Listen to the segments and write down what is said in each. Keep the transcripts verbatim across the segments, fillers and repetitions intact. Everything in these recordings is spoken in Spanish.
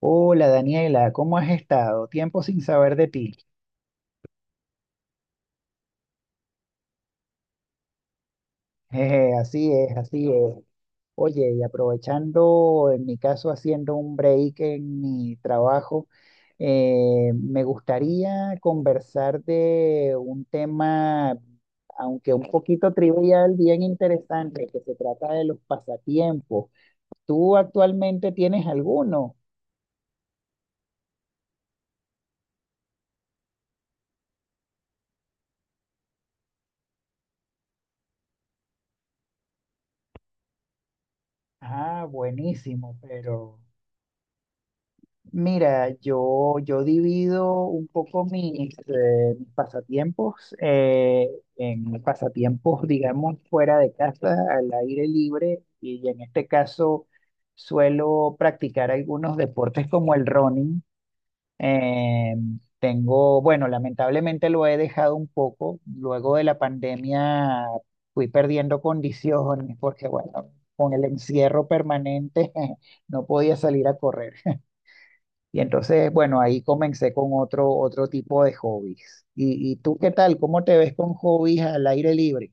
Hola Daniela, ¿cómo has estado? Tiempo sin saber de ti. Jeje, así es, así es. Oye, y aprovechando, en mi caso, haciendo un break en mi trabajo, eh, me gustaría conversar de un tema, aunque un poquito trivial, bien interesante, que se trata de los pasatiempos. ¿Tú actualmente tienes alguno? Ah, buenísimo, pero... Mira, yo, yo divido un poco mis, eh, mis pasatiempos eh, en pasatiempos, digamos, fuera de casa, al aire libre, y en este caso suelo practicar algunos deportes como el running. Eh, Tengo, bueno, lamentablemente lo he dejado un poco. Luego de la pandemia fui perdiendo condiciones porque, bueno, con el encierro permanente no podía salir a correr. Y entonces, bueno, ahí comencé con otro, otro tipo de hobbies. ¿Y, y tú qué tal? ¿Cómo te ves con hobbies al aire libre?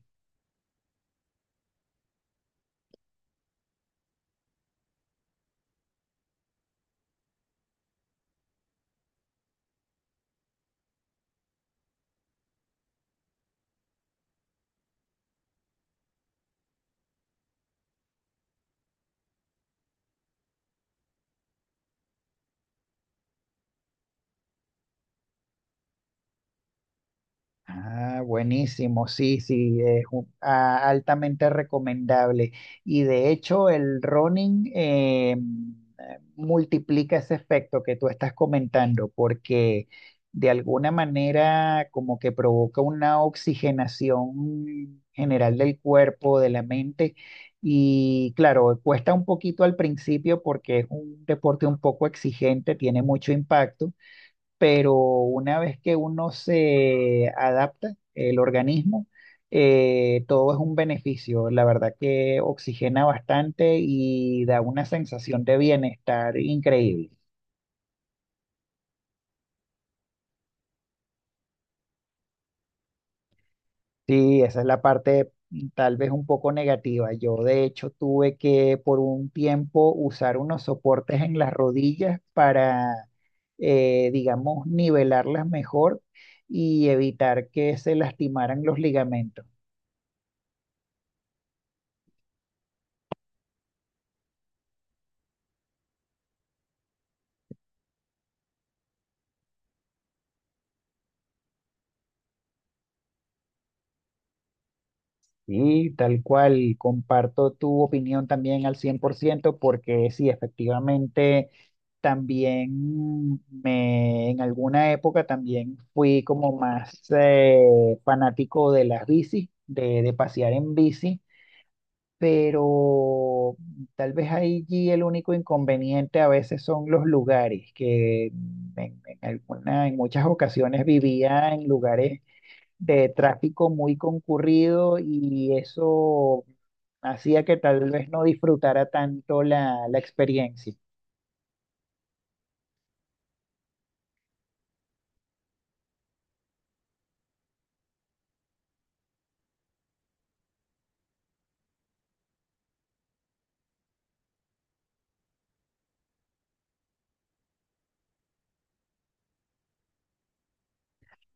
Ah, buenísimo, sí, sí, es un- a- altamente recomendable. Y de hecho, el running em, eh, multiplica ese efecto que tú estás comentando, porque de alguna manera como que provoca una oxigenación general del cuerpo, de la mente. Y claro, cuesta un poquito al principio porque es un deporte un poco exigente, tiene mucho impacto, pero una vez que uno se adapta, el organismo, eh, todo es un beneficio. La verdad que oxigena bastante y da una sensación de bienestar increíble. Sí, esa es la parte mm, tal vez un poco negativa. Yo de hecho tuve que por un tiempo usar unos soportes en las rodillas para, eh, digamos, nivelarlas mejor y evitar que se lastimaran los ligamentos. Sí, tal cual, comparto tu opinión también al cien por ciento porque sí, efectivamente, también me, en alguna época también fui como más eh, fanático de las bicis, de, de pasear en bici, pero tal vez allí el único inconveniente a veces son los lugares, que en, en alguna, en muchas ocasiones vivía en lugares de tráfico muy concurrido y eso hacía que tal vez no disfrutara tanto la, la experiencia.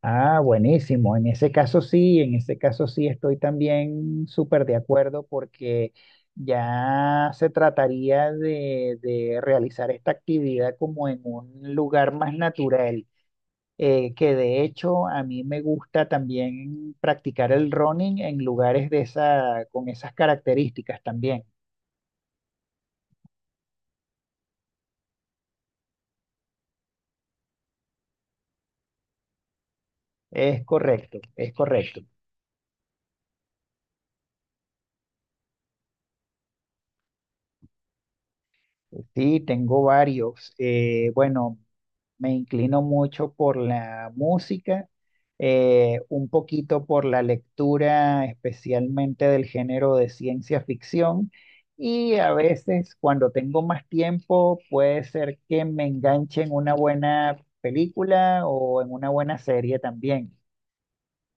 Ah, buenísimo. En ese caso sí, en ese caso sí estoy también súper de acuerdo porque ya se trataría de, de realizar esta actividad como en un lugar más natural. Eh, que de hecho a mí me gusta también practicar el running en lugares de esa, con esas características también. Es correcto, es correcto. Sí, tengo varios. Eh, bueno, me inclino mucho por la música, eh, un poquito por la lectura, especialmente del género de ciencia ficción. Y a veces, cuando tengo más tiempo, puede ser que me enganche en una buena película o en una buena serie también.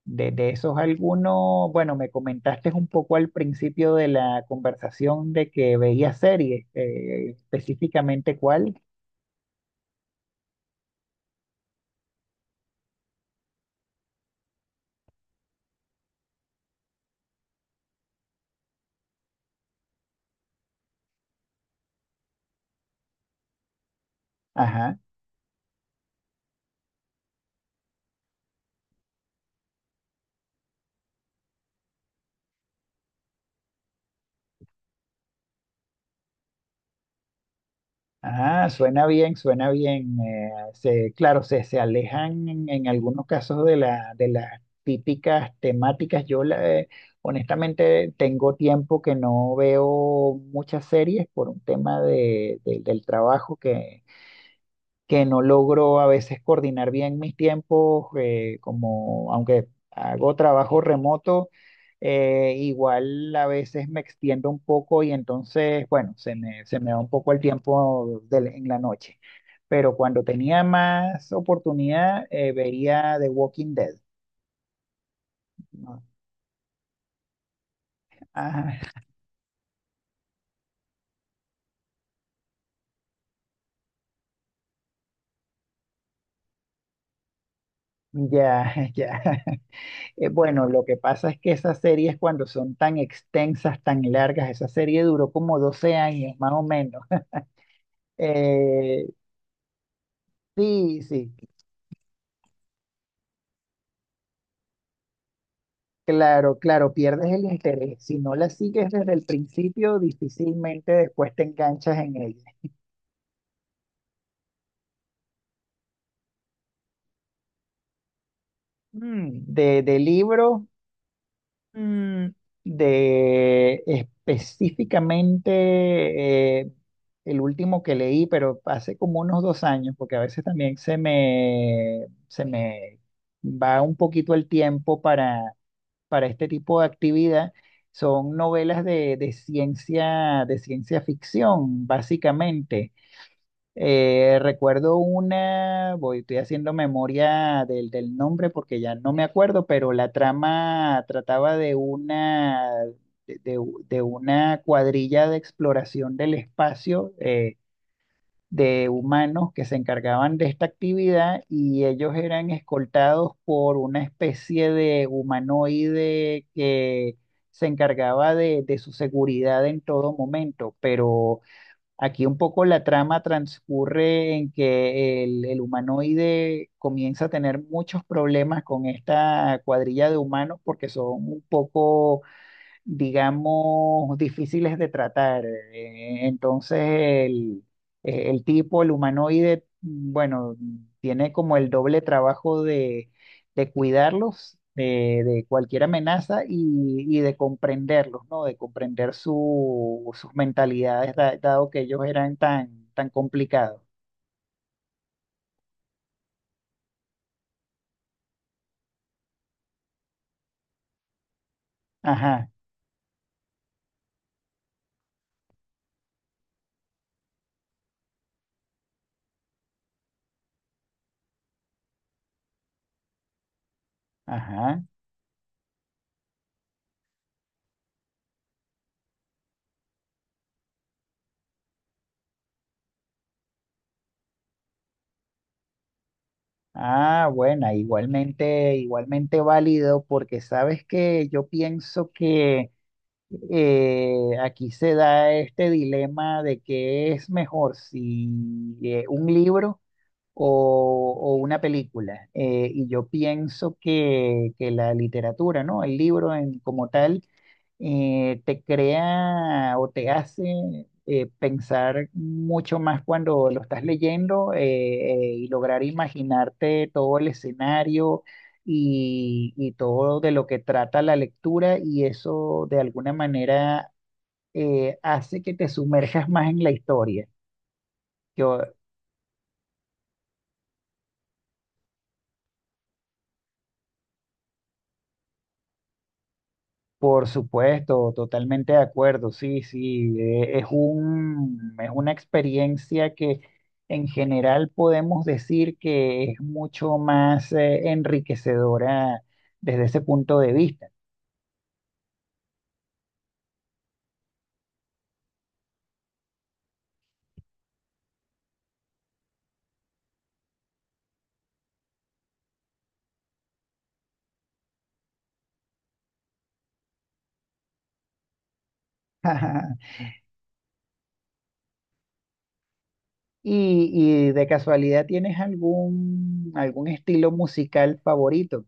De, de esos algunos, bueno, me comentaste un poco al principio de la conversación de que veías series, eh, específicamente cuál. Ajá, ajá, suena bien, suena bien. Eh, se, claro, se, se alejan en, en algunos casos de la, de las típicas temáticas. Yo la- eh, honestamente tengo tiempo que no veo muchas series por un tema de, de- del trabajo, que no logro a veces coordinar bien mis tiempos, eh, como aunque hago trabajo remoto, eh, igual a veces me extiendo un poco y entonces, bueno, se me, se me va un poco el tiempo del- en la noche. Pero cuando tenía más oportunidad, eh, vería The Walking Dead. ¿No? Ah, ya, ya. Eh, bueno, lo que pasa es que esas series cuando son tan extensas, tan largas, esa serie duró como doce años, más o menos. Eh, sí, sí, claro, claro, pierdes el interés. Si no la sigues desde el principio, difícilmente después te enganchas en ella. Mm, De, de libro, mm, de específicamente eh, el último que leí, pero hace como unos dos años, porque a veces también se me, se me va un poquito el tiempo para para este tipo de actividad, son novelas de, de ciencia, de ciencia ficción, básicamente. Eh, recuerdo una, voy, estoy haciendo memoria del, del nombre porque ya no me acuerdo, pero la trama trataba de una, de, de de una cuadrilla de exploración del espacio. Eh, de humanos que se encargaban de esta actividad y ellos eran escoltados por una especie de humanoide que se encargaba de, de su seguridad en todo momento, pero aquí un poco la trama transcurre en que el, el humanoide comienza a tener muchos problemas con esta cuadrilla de humanos porque son un poco, digamos, difíciles de tratar. Eh, Entonces, el, eh, el tipo, el humanoide, bueno, tiene como el doble trabajo de, de cuidarlos de, de cualquier amenaza y, y de comprenderlos, ¿no? De comprender su, sus mentalidades, da- dado que ellos eran tan, tan complicados. Ajá, ajá. Ah, bueno, igualmente, igualmente válido, porque sabes que yo pienso que eh, aquí se da este dilema de que es mejor, si eh, un libro o, o una película. Eh, y yo pienso que, que la literatura, ¿no? El libro en, como tal, eh, te crea o te hace eh, pensar mucho más cuando lo estás leyendo, eh, eh, y lograr imaginarte todo el escenario y, y todo de lo que trata la lectura y eso de alguna manera eh, hace que te sumerjas más en la historia. Yo, por supuesto, totalmente de acuerdo, sí, sí, eh, es un, es una experiencia que en general podemos decir que es mucho más eh, enriquecedora desde ese punto de vista. ¿Y, y de casualidad tienes algún, algún estilo musical favorito?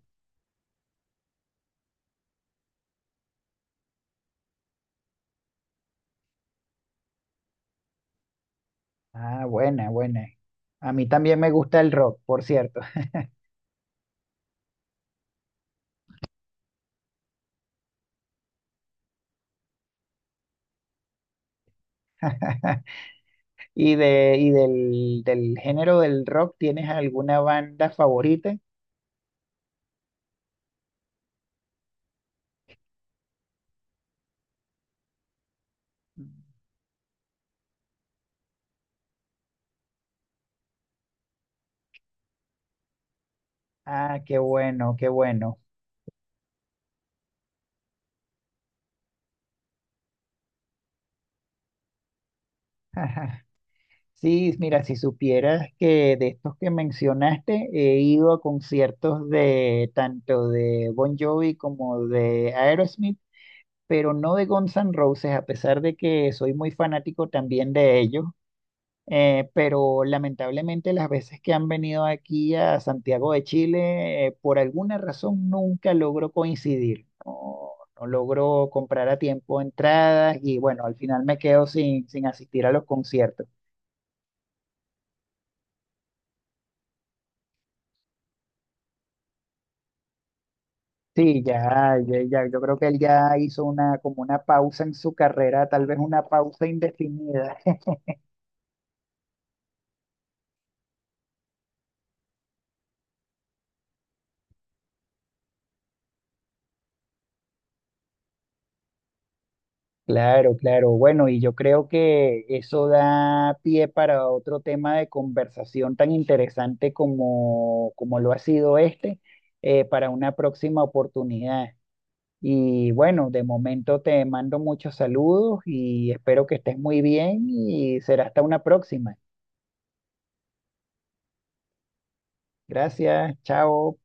Ah, buena, buena. A mí también me gusta el rock, por cierto. ¿Y, de, y del, del género del rock tienes alguna banda favorita? Ah, qué bueno, qué bueno. Sí, mira, si supieras que de estos que mencionaste, he ido a conciertos de tanto de Bon Jovi como de Aerosmith, pero no de Guns N' Roses, a pesar de que soy muy fanático también de ellos. Eh, pero lamentablemente las veces que han venido aquí a Santiago de Chile, eh, por alguna razón nunca logro coincidir. No, no logro comprar a tiempo entradas y bueno, al final me quedo sin, sin asistir a los conciertos. Sí, ya, ya, ya, yo creo que él ya hizo una, como una pausa en su carrera, tal vez una pausa indefinida. Claro, claro. Bueno, y yo creo que eso da pie para otro tema de conversación tan interesante como, como lo ha sido este, eh, para una próxima oportunidad. Y bueno, de momento te mando muchos saludos y espero que estés muy bien y será hasta una próxima. Gracias, chao.